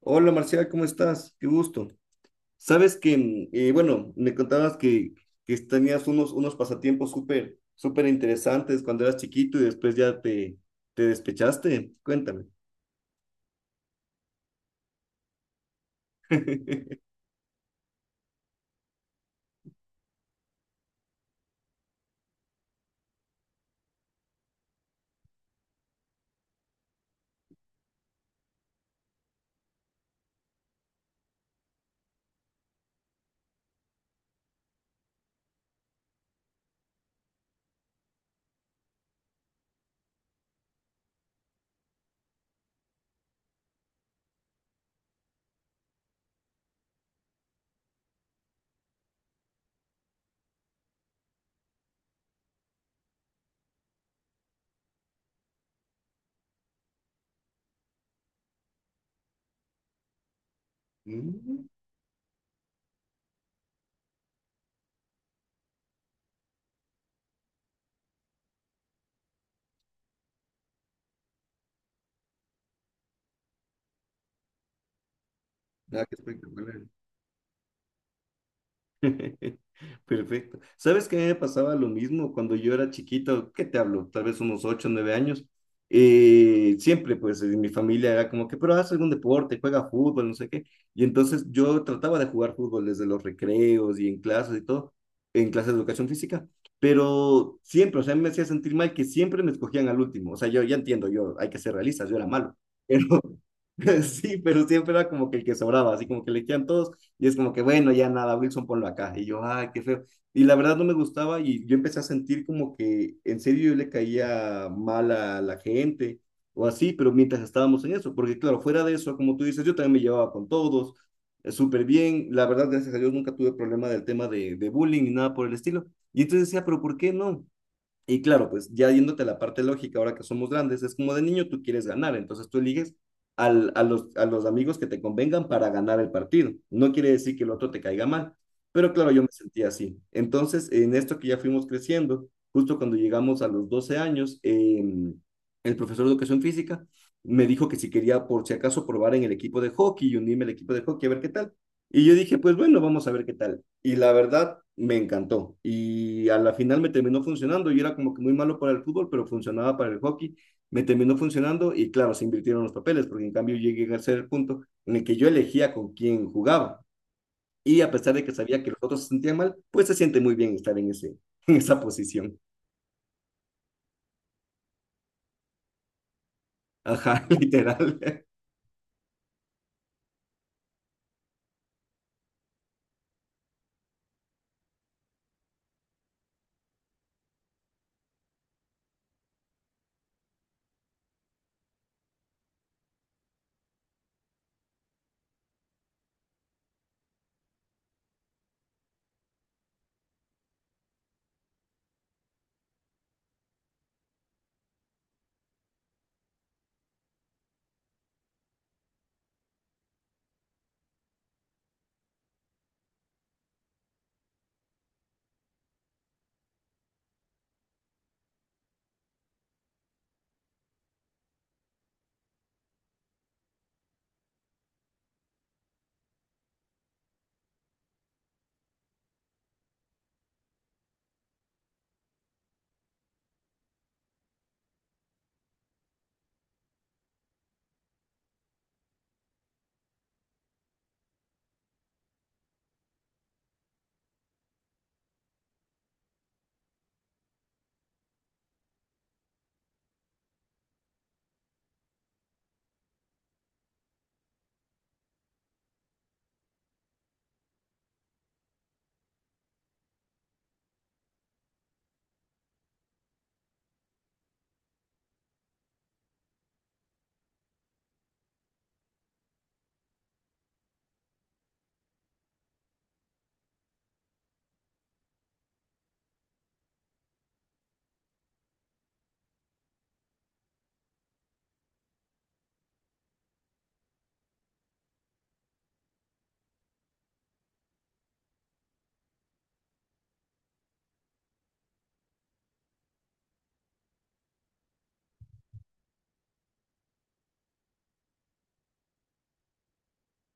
Hola Marcial, ¿cómo estás? Qué gusto. Sabes que, bueno, me contabas que tenías unos pasatiempos súper, súper interesantes cuando eras chiquito y después ya te despechaste. Cuéntame. Mm, ah, qué espectacular. Perfecto. ¿Sabes que me pasaba lo mismo cuando yo era chiquito? ¿Qué te hablo? Tal vez unos 8 9 años. Siempre, pues, en mi familia era como que, pero haz algún deporte, juega fútbol, no sé qué. Y entonces yo trataba de jugar fútbol desde los recreos y en clases y todo, en clases de educación física, pero siempre, o sea, me hacía sentir mal que siempre me escogían al último. O sea, yo ya entiendo, yo hay que ser realistas, yo era malo, pero sí, pero siempre era como que el que sobraba, así como que le quedan todos y es como que, bueno, ya nada, Wilson, ponlo acá. Y yo, ay, qué feo. Y la verdad no me gustaba y yo empecé a sentir como que en serio yo le caía mal a la gente o así, pero mientras estábamos en eso, porque claro, fuera de eso, como tú dices, yo también me llevaba con todos, súper bien, la verdad, gracias a Dios nunca tuve problema del tema de bullying ni nada por el estilo. Y entonces decía, pero ¿por qué no? Y claro, pues ya yéndote a la parte lógica, ahora que somos grandes, es como de niño tú quieres ganar, entonces tú eliges a los amigos que te convengan para ganar el partido. No quiere decir que el otro te caiga mal, pero claro, yo me sentía así. Entonces, en esto que ya fuimos creciendo, justo cuando llegamos a los 12 años, el profesor de educación física me dijo que si quería, por si acaso, probar en el equipo de hockey y unirme al equipo de hockey a ver qué tal. Y yo dije, pues bueno, vamos a ver qué tal y la verdad me encantó. Y a la final me terminó funcionando. Yo era como que muy malo para el fútbol, pero funcionaba para el hockey. Me terminó funcionando y claro, se invirtieron los papeles, porque en cambio llegué a ser el punto en el que yo elegía con quién jugaba. Y a pesar de que sabía que los otros se sentían mal, pues se siente muy bien estar en esa posición. Ajá, literal.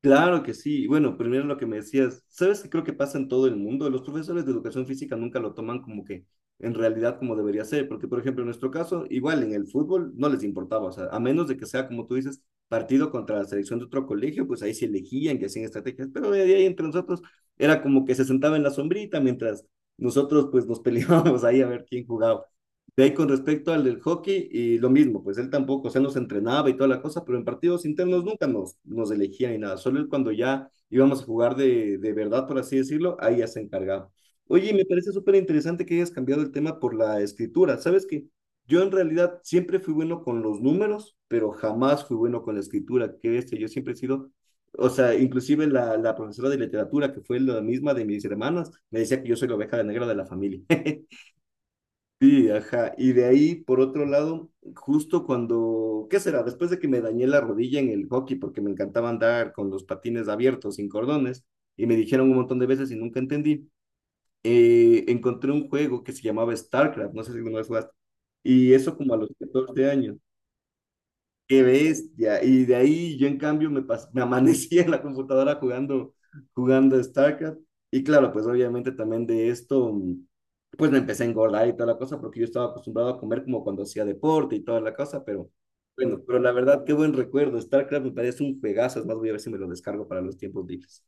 Claro que sí. Bueno, primero lo que me decías, ¿sabes qué creo que pasa en todo el mundo? Los profesores de educación física nunca lo toman como que en realidad como debería ser, porque por ejemplo en nuestro caso, igual en el fútbol no les importaba, o sea, a menos de que sea como tú dices, partido contra la selección de otro colegio, pues ahí se elegían que hacían estrategias, pero de ahí entre nosotros era como que se sentaba en la sombrita mientras nosotros pues nos peleábamos ahí a ver quién jugaba. De ahí con respecto al del hockey, y lo mismo, pues él tampoco, o sea, nos entrenaba y toda la cosa, pero en partidos internos nunca nos elegía ni nada, solo él cuando ya íbamos a jugar de verdad, por así decirlo, ahí ya se encargaba. Oye, me parece súper interesante que hayas cambiado el tema por la escritura. Sabes que yo en realidad siempre fui bueno con los números, pero jamás fui bueno con la escritura, que este, yo siempre he sido, o sea, inclusive la profesora de literatura, que fue la misma de mis hermanas, me decía que yo soy la oveja negra de la familia. Sí, ajá. Y de ahí, por otro lado, justo cuando, ¿qué será? Después de que me dañé la rodilla en el hockey, porque me encantaba andar con los patines abiertos, sin cordones, y me dijeron un montón de veces y nunca entendí, encontré un juego que se llamaba StarCraft, no sé si alguna vez jugaste, y eso como a los 14 años. Qué bestia. Y de ahí yo en cambio me amanecía en la computadora jugando, StarCraft. Y claro, pues obviamente también de esto, pues me empecé a engordar y toda la cosa, porque yo estaba acostumbrado a comer como cuando hacía deporte y toda la cosa, pero bueno, pero la verdad, qué buen recuerdo. StarCraft me parece un juegazo, es más, voy a ver si me lo descargo para los tiempos libres.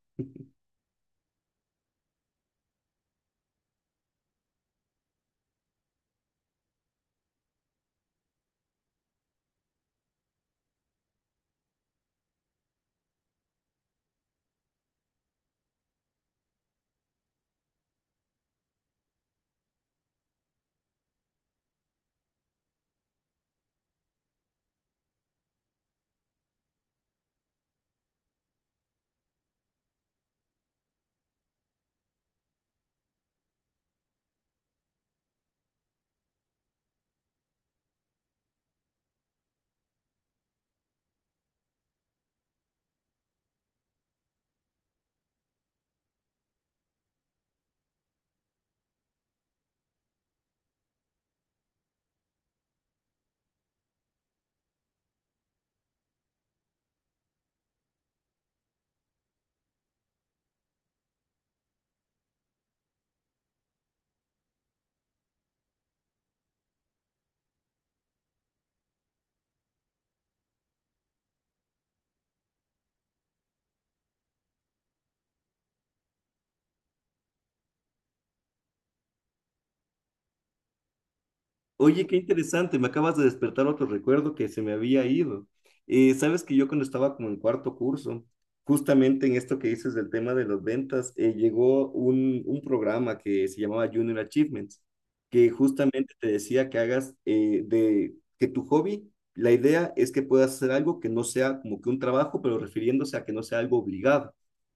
Oye, qué interesante, me acabas de despertar otro recuerdo que se me había ido. Sabes que yo cuando estaba como en cuarto curso, justamente en esto que dices del tema de las ventas, llegó un programa que se llamaba Junior Achievements, que justamente te decía que hagas, de que tu hobby, la idea es que puedas hacer algo que no sea como que un trabajo, pero refiriéndose a que no sea algo obligado.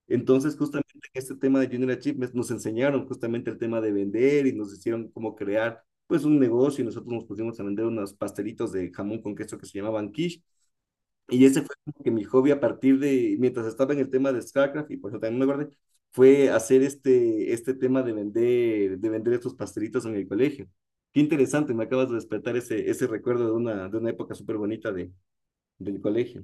Entonces, justamente en este tema de Junior Achievements nos enseñaron justamente el tema de vender y nos hicieron como crear pues un negocio y nosotros nos pusimos a vender unos pastelitos de jamón con queso que se llamaban quiche. Y ese fue como que mi hobby a partir de, mientras estaba en el tema de StarCraft, y por eso también me guardé, fue hacer este tema de vender estos pastelitos en el colegio. Qué interesante, me acabas de despertar ese recuerdo de una época súper bonita del colegio.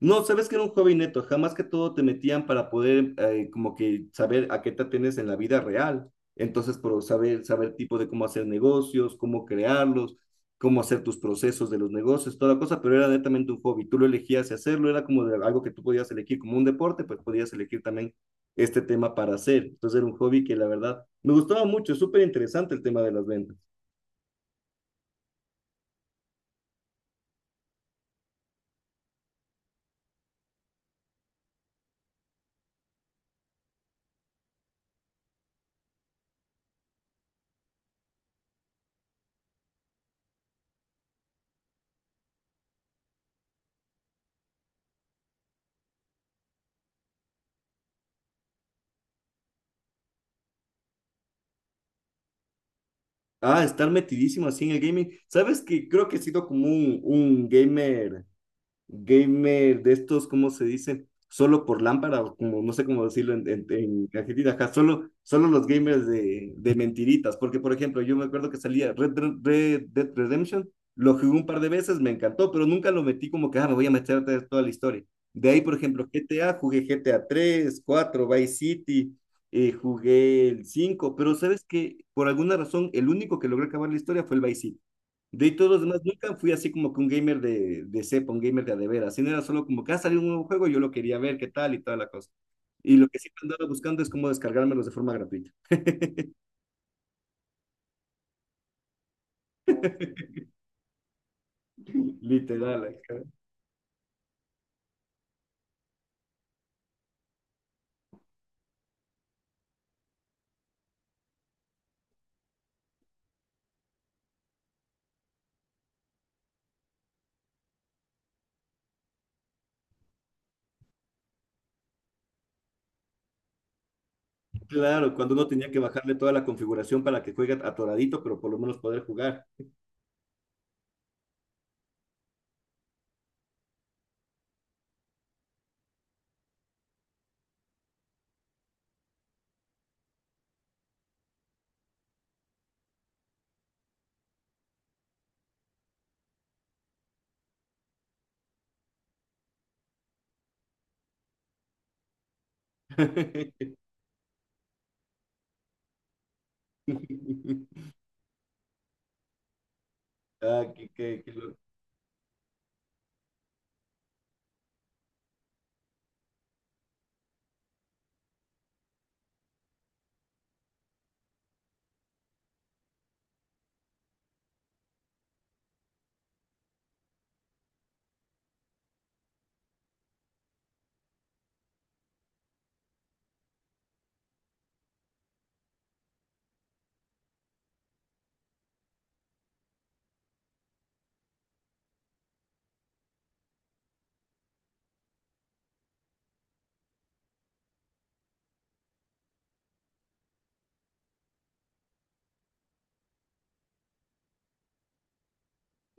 No, sabes que era un hobby neto, jamás que todo te metían para poder como que saber a qué te atienes en la vida real. Entonces, por saber tipo de cómo hacer negocios, cómo crearlos, cómo hacer tus procesos de los negocios, toda la cosa, pero era netamente un hobby. Tú lo elegías y hacerlo, era como de algo que tú podías elegir como un deporte, pues podías elegir también este tema para hacer. Entonces era un hobby que la verdad me gustaba mucho, súper interesante el tema de las ventas. Ah, estar metidísimo así en el gaming. Sabes que creo que he sido como un gamer gamer de estos, ¿cómo se dice? Solo por lámpara, o como no sé cómo decirlo en, en Argentina, ajá, solo los gamers de mentiritas, porque por ejemplo, yo me acuerdo que salía Red Dead Redemption, lo jugué un par de veces, me encantó, pero nunca lo metí como que, ah, me voy a meter a ver toda la historia. De ahí, por ejemplo, GTA, jugué GTA 3, 4, Vice City, jugué el cinco, pero sabes que por alguna razón el único que logró acabar la historia fue el Vice City. De todos los demás, nunca fui así como que un gamer de cepa, un gamer de a de veras, sino era solo como que ha salido un nuevo juego, yo lo quería ver, qué tal y toda la cosa. Y lo que siempre andaba buscando es cómo descargármelos de forma gratuita. Literal. Ajá. Claro, claro, cuando uno tenía que bajarle toda la configuración para que juegue atoradito, pero por lo menos poder jugar. Ah, qué, qué, qué loco.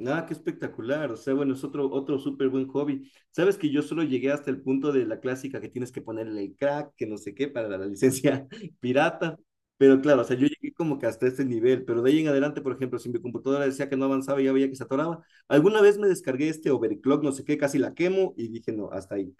Ah, qué espectacular. O sea, bueno, es otro súper buen hobby. Sabes que yo solo llegué hasta el punto de la clásica que tienes que ponerle el crack, que no sé qué, para la licencia pirata. Pero claro, o sea, yo llegué como que hasta este nivel. Pero de ahí en adelante, por ejemplo, si mi computadora decía que no avanzaba y ya veía que se atoraba, alguna vez me descargué este overclock, no sé qué, casi la quemo y dije, no, hasta ahí.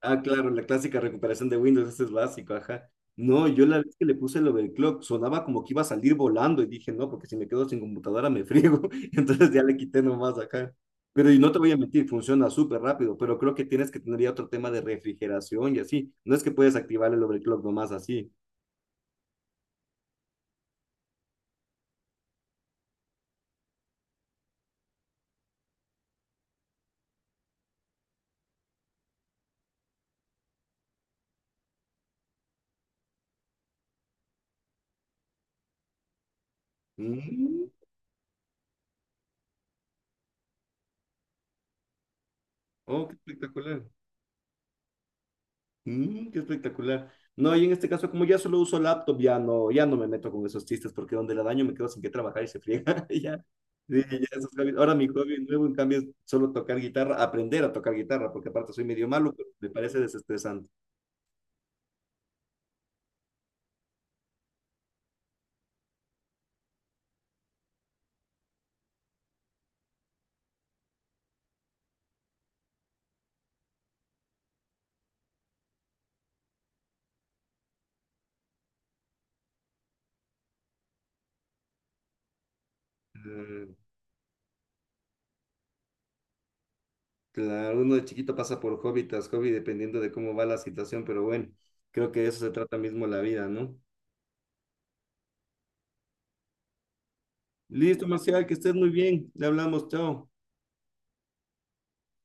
Ah, claro, la clásica recuperación de Windows, ese es básico, ajá. No, yo la vez que le puse el overclock sonaba como que iba a salir volando y dije, no, porque si me quedo sin computadora me friego. Entonces ya le quité nomás acá. Pero y no te voy a mentir, funciona súper rápido, pero creo que tienes que tener ya otro tema de refrigeración y así. No es que puedes activar el overclock nomás así. Mm, Oh, qué espectacular. Qué espectacular. No, y en este caso, como ya solo uso laptop, ya no me meto con esos chistes porque donde la daño me quedo sin qué trabajar y se friega. Ya, sí, ya esos hobbies. Ahora mi hobby nuevo, en cambio, es solo tocar guitarra, aprender a tocar guitarra, porque aparte soy medio malo, pero me parece desestresante. Mm, claro, uno de chiquito pasa por hobby tras hobby dependiendo de cómo va la situación, pero bueno, creo que de eso se trata mismo la vida, ¿no? Listo, Marcial, que estés muy bien. Le hablamos, chao.